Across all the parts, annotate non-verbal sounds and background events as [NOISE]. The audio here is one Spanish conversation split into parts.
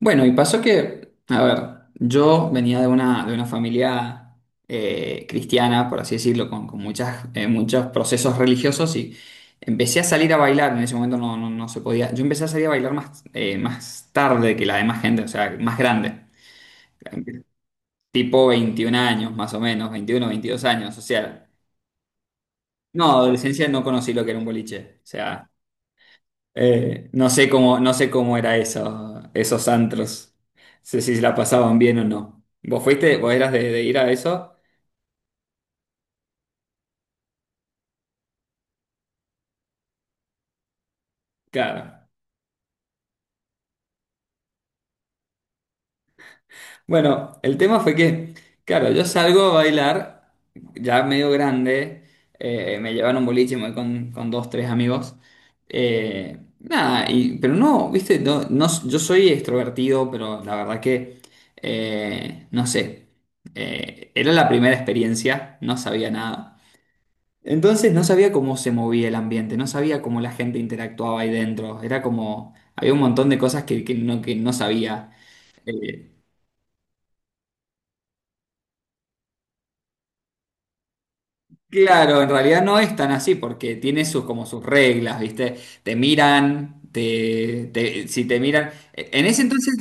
Bueno, y pasó que, a ver, yo venía de una familia cristiana, por así decirlo, con muchas, muchos procesos religiosos y empecé a salir a bailar, en ese momento no se podía, yo empecé a salir a bailar más, más tarde que la demás gente, o sea, más grande, tipo 21 años más o menos, 21, 22 años, o sea, no, adolescencia no conocí lo que era un boliche, o sea... No sé cómo era eso, esos antros. Sé si la pasaban bien o no. ¿Vos fuiste? ¿Vos eras de ir a eso? Claro. Bueno, el tema fue que, claro, yo salgo a bailar, ya medio grande, me llevaron un boliche, me voy con dos, tres amigos. Nada, pero no, viste, yo soy extrovertido, pero la verdad que, no sé. Era la primera experiencia, no sabía nada. Entonces no sabía cómo se movía el ambiente, no sabía cómo la gente interactuaba ahí dentro. Era como, había un montón de cosas que no sabía. Eh, claro, en realidad no es tan así porque tiene sus, como sus reglas, ¿viste? Te miran, si te miran. En ese entonces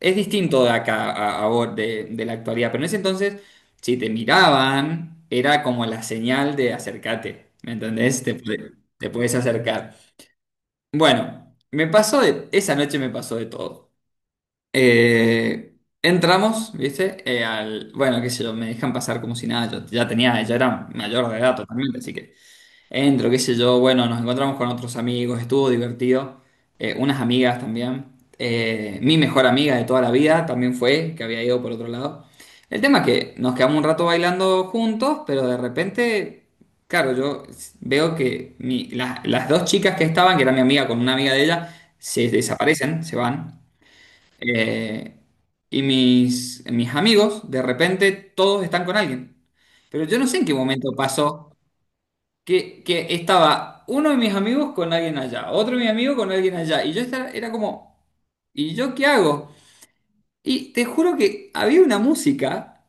es distinto de acá a vos, de la actualidad, pero en ese entonces si te miraban era como la señal de acércate, ¿me entendés? Te puedes acercar. Bueno, esa noche me pasó de todo. Entramos, ¿viste? Bueno, qué sé yo, me dejan pasar como si nada, yo ya tenía, ya era mayor de edad totalmente, así que entro, qué sé yo, bueno, nos encontramos con otros amigos, estuvo divertido, unas amigas también. Mi mejor amiga de toda la vida también fue, que había ido por otro lado. El tema es que nos quedamos un rato bailando juntos, pero de repente, claro, yo veo que las dos chicas que estaban, que era mi amiga con una amiga de ella, se desaparecen, se van. Eh, y mis amigos, de repente, todos están con alguien. Pero yo no sé en qué momento pasó que estaba uno de mis amigos con alguien allá, otro de mis amigos con alguien allá, y era como, ¿y yo qué hago? Y te juro que había una música,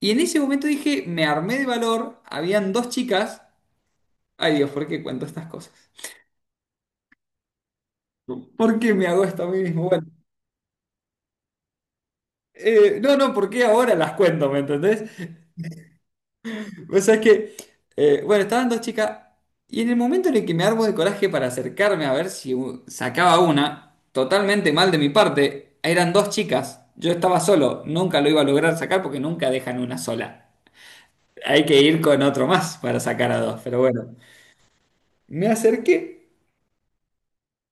y en ese momento dije, me armé de valor, habían dos chicas, ay Dios, ¿por qué cuento estas cosas? ¿Por qué me hago esto a mí mismo? Bueno, no, no, ¿por qué ahora las cuento, me entendés? Vos es que, bueno, estaban dos chicas y en el momento en el que me armo de coraje para acercarme a ver si sacaba una, totalmente mal de mi parte, eran dos chicas, yo estaba solo, nunca lo iba a lograr sacar porque nunca dejan una sola. Hay que ir con otro más para sacar a dos, pero bueno. Me acerqué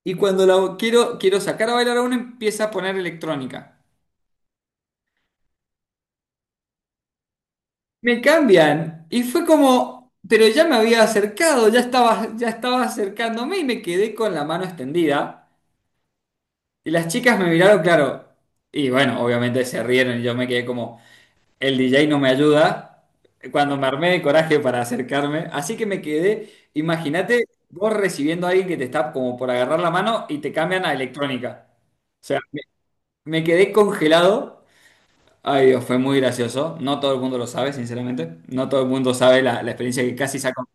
y cuando la quiero sacar a bailar a una empieza a poner electrónica. Me cambian y fue como, pero ya me había acercado, ya estaba acercándome y me quedé con la mano extendida. Y las chicas me miraron, claro. Y bueno, obviamente se rieron y yo me quedé como, el DJ no me ayuda. Cuando me armé de coraje para acercarme. Así que me quedé, imagínate vos recibiendo a alguien que te está como por agarrar la mano y te cambian a electrónica. O sea, me quedé congelado. Ay Dios, fue muy gracioso. No todo el mundo lo sabe, sinceramente. No todo el mundo sabe la experiencia que casi sacó.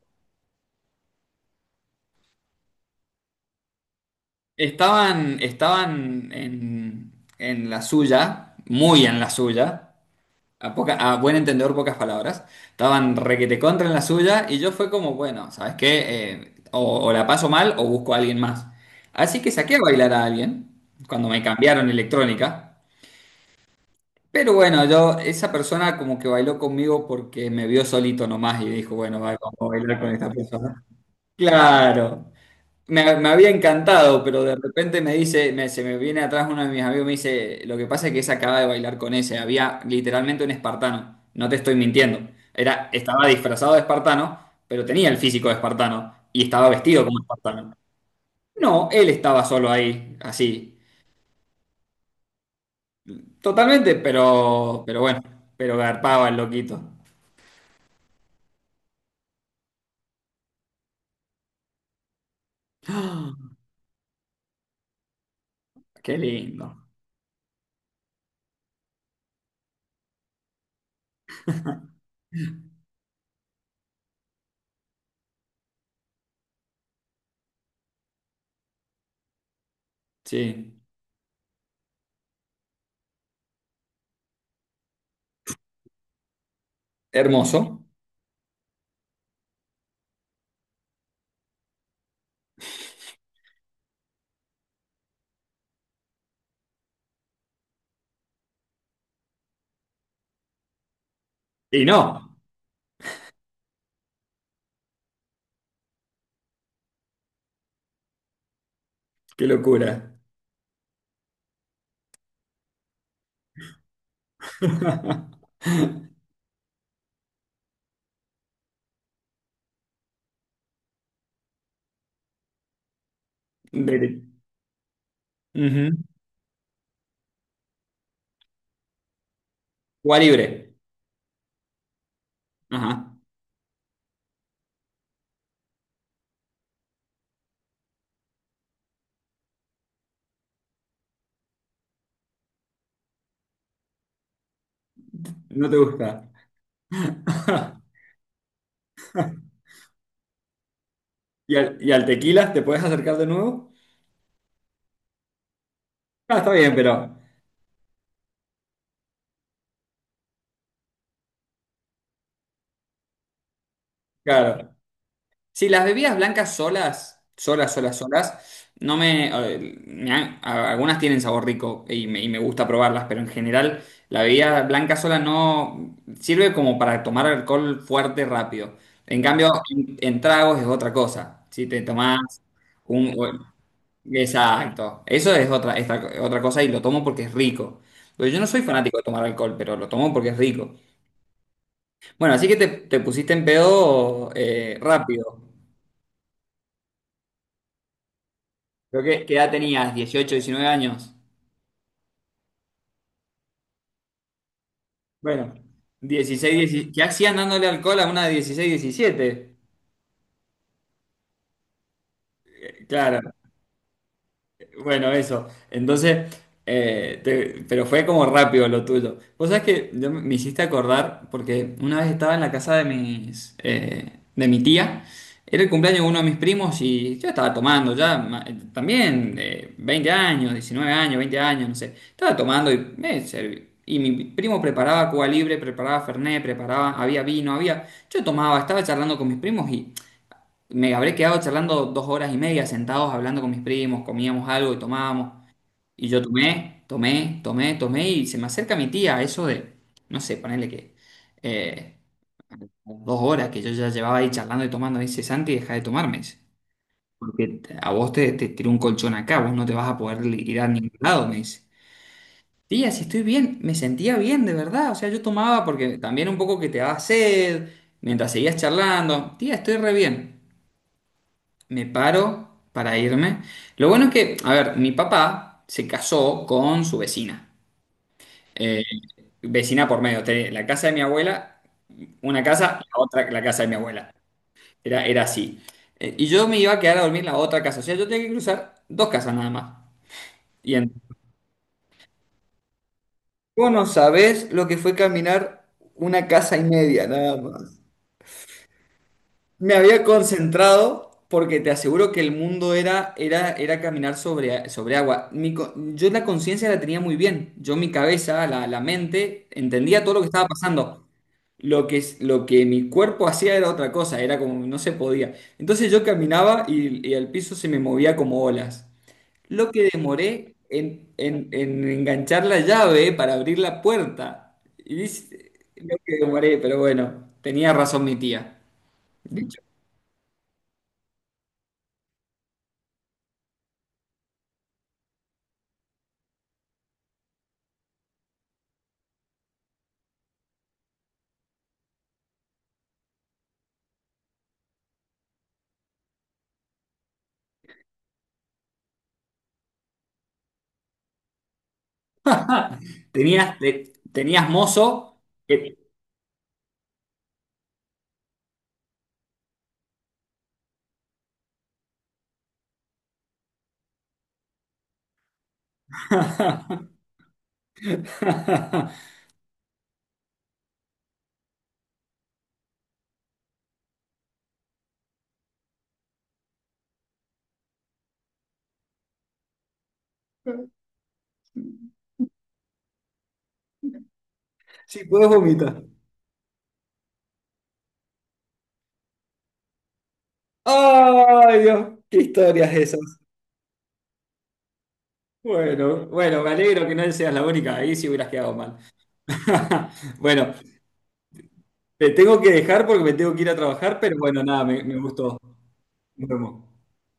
Estaban en la suya, muy en la suya. A buen entendedor, pocas palabras. Estaban requete contra en la suya y yo fue como, bueno, ¿sabes qué? O la paso mal o busco a alguien más. Así que saqué a bailar a alguien cuando me cambiaron electrónica. Pero bueno, yo, esa persona como que bailó conmigo porque me vio solito nomás y dijo, bueno, va, vamos a bailar con esta persona. Claro. Me había encantado, pero de repente me dice, se me viene atrás uno de mis amigos, me dice, lo que pasa es que esa acaba de bailar con ese, había literalmente un espartano, no te estoy mintiendo, era, estaba disfrazado de espartano, pero tenía el físico de espartano y estaba vestido como espartano. No, él estaba solo ahí, así, totalmente, pero bueno, pero garpaba el loquito. Qué lindo. Sí. Hermoso. Y no, qué locura. [LAUGHS] De- Ujú. Cuba libre. Ajá, no te gusta. [LAUGHS] ¿Y al tequila te puedes acercar de nuevo? Ah, está bien, pero claro. Si las bebidas blancas solas, solas, solas, solas, no me, me han- a- algunas tienen sabor rico y y me gusta probarlas, pero en general la bebida blanca sola no sirve como para tomar alcohol fuerte rápido. En cambio, en tragos es otra cosa. Si te tomás un... Exacto. Eso es otra, otra cosa y lo tomo porque es rico. Pues yo no soy fanático de tomar alcohol, pero lo tomo porque es rico. Bueno, así que te pusiste en pedo, rápido. Creo que, ¿qué edad tenías? ¿18, 19 años? Bueno, 16, 17. ¿Qué hacían dándole alcohol a una de 16, 17? Claro. Bueno, eso. Entonces, pero fue como rápido lo tuyo. Vos sabés que yo me hiciste acordar, porque una vez estaba en la casa de mi tía, era el cumpleaños de uno de mis primos y yo estaba tomando ya, ma- también 20 años, 19 años, 20 años, no sé. Estaba tomando y me serví. Y mi primo preparaba Cuba Libre, preparaba Fernet, preparaba, había vino, había... Yo tomaba, estaba charlando con mis primos, me habré quedado charlando 2 horas y media sentados hablando con mis primos, comíamos algo y tomábamos. Y yo tomé, tomé, tomé, tomé y se me acerca mi tía, eso de, no sé, ponerle que eh, 2 horas que yo ya llevaba ahí charlando y tomando. Me dice, Santi, deja de tomarme. Dice, porque a vos te tiró un colchón acá, vos no te vas a poder ir a ningún lado, me dice. Tía, si estoy bien, me sentía bien, de verdad. O sea, yo tomaba porque también un poco que te daba sed, mientras seguías charlando. Tía, estoy re bien, me paro para irme. Lo bueno es que, a ver, mi papá se casó con su vecina. Eh, Vecina por medio, tenía la casa de mi abuela, una casa, la otra, la casa de mi abuela. Era así. Y yo me iba a quedar a dormir en la otra casa. O sea, yo tenía que cruzar dos casas nada más. Y en- Vos no sabés lo que fue caminar una casa y media, nada más. Me había concentrado porque te aseguro que el mundo era caminar sobre agua. Yo la conciencia la tenía muy bien. Yo mi cabeza, la mente, entendía todo lo que estaba pasando. Lo que mi cuerpo hacía era otra cosa, era como no se podía. Entonces yo caminaba y el piso se me movía como olas. Lo que demoré en enganchar la llave para abrir la puerta. Y dice, lo que demoré, pero bueno, tenía razón mi tía. Tenías mozo. que- [LAUGHS] Si podés vomitar. ¡Ay, Dios! ¡Qué historias esas! Bueno, bueno, me alegro que no seas la única. Ahí sí hubieras quedado mal. [LAUGHS] Bueno, te tengo que dejar porque me tengo que ir a trabajar, pero bueno, nada, me gustó. Nos vemos.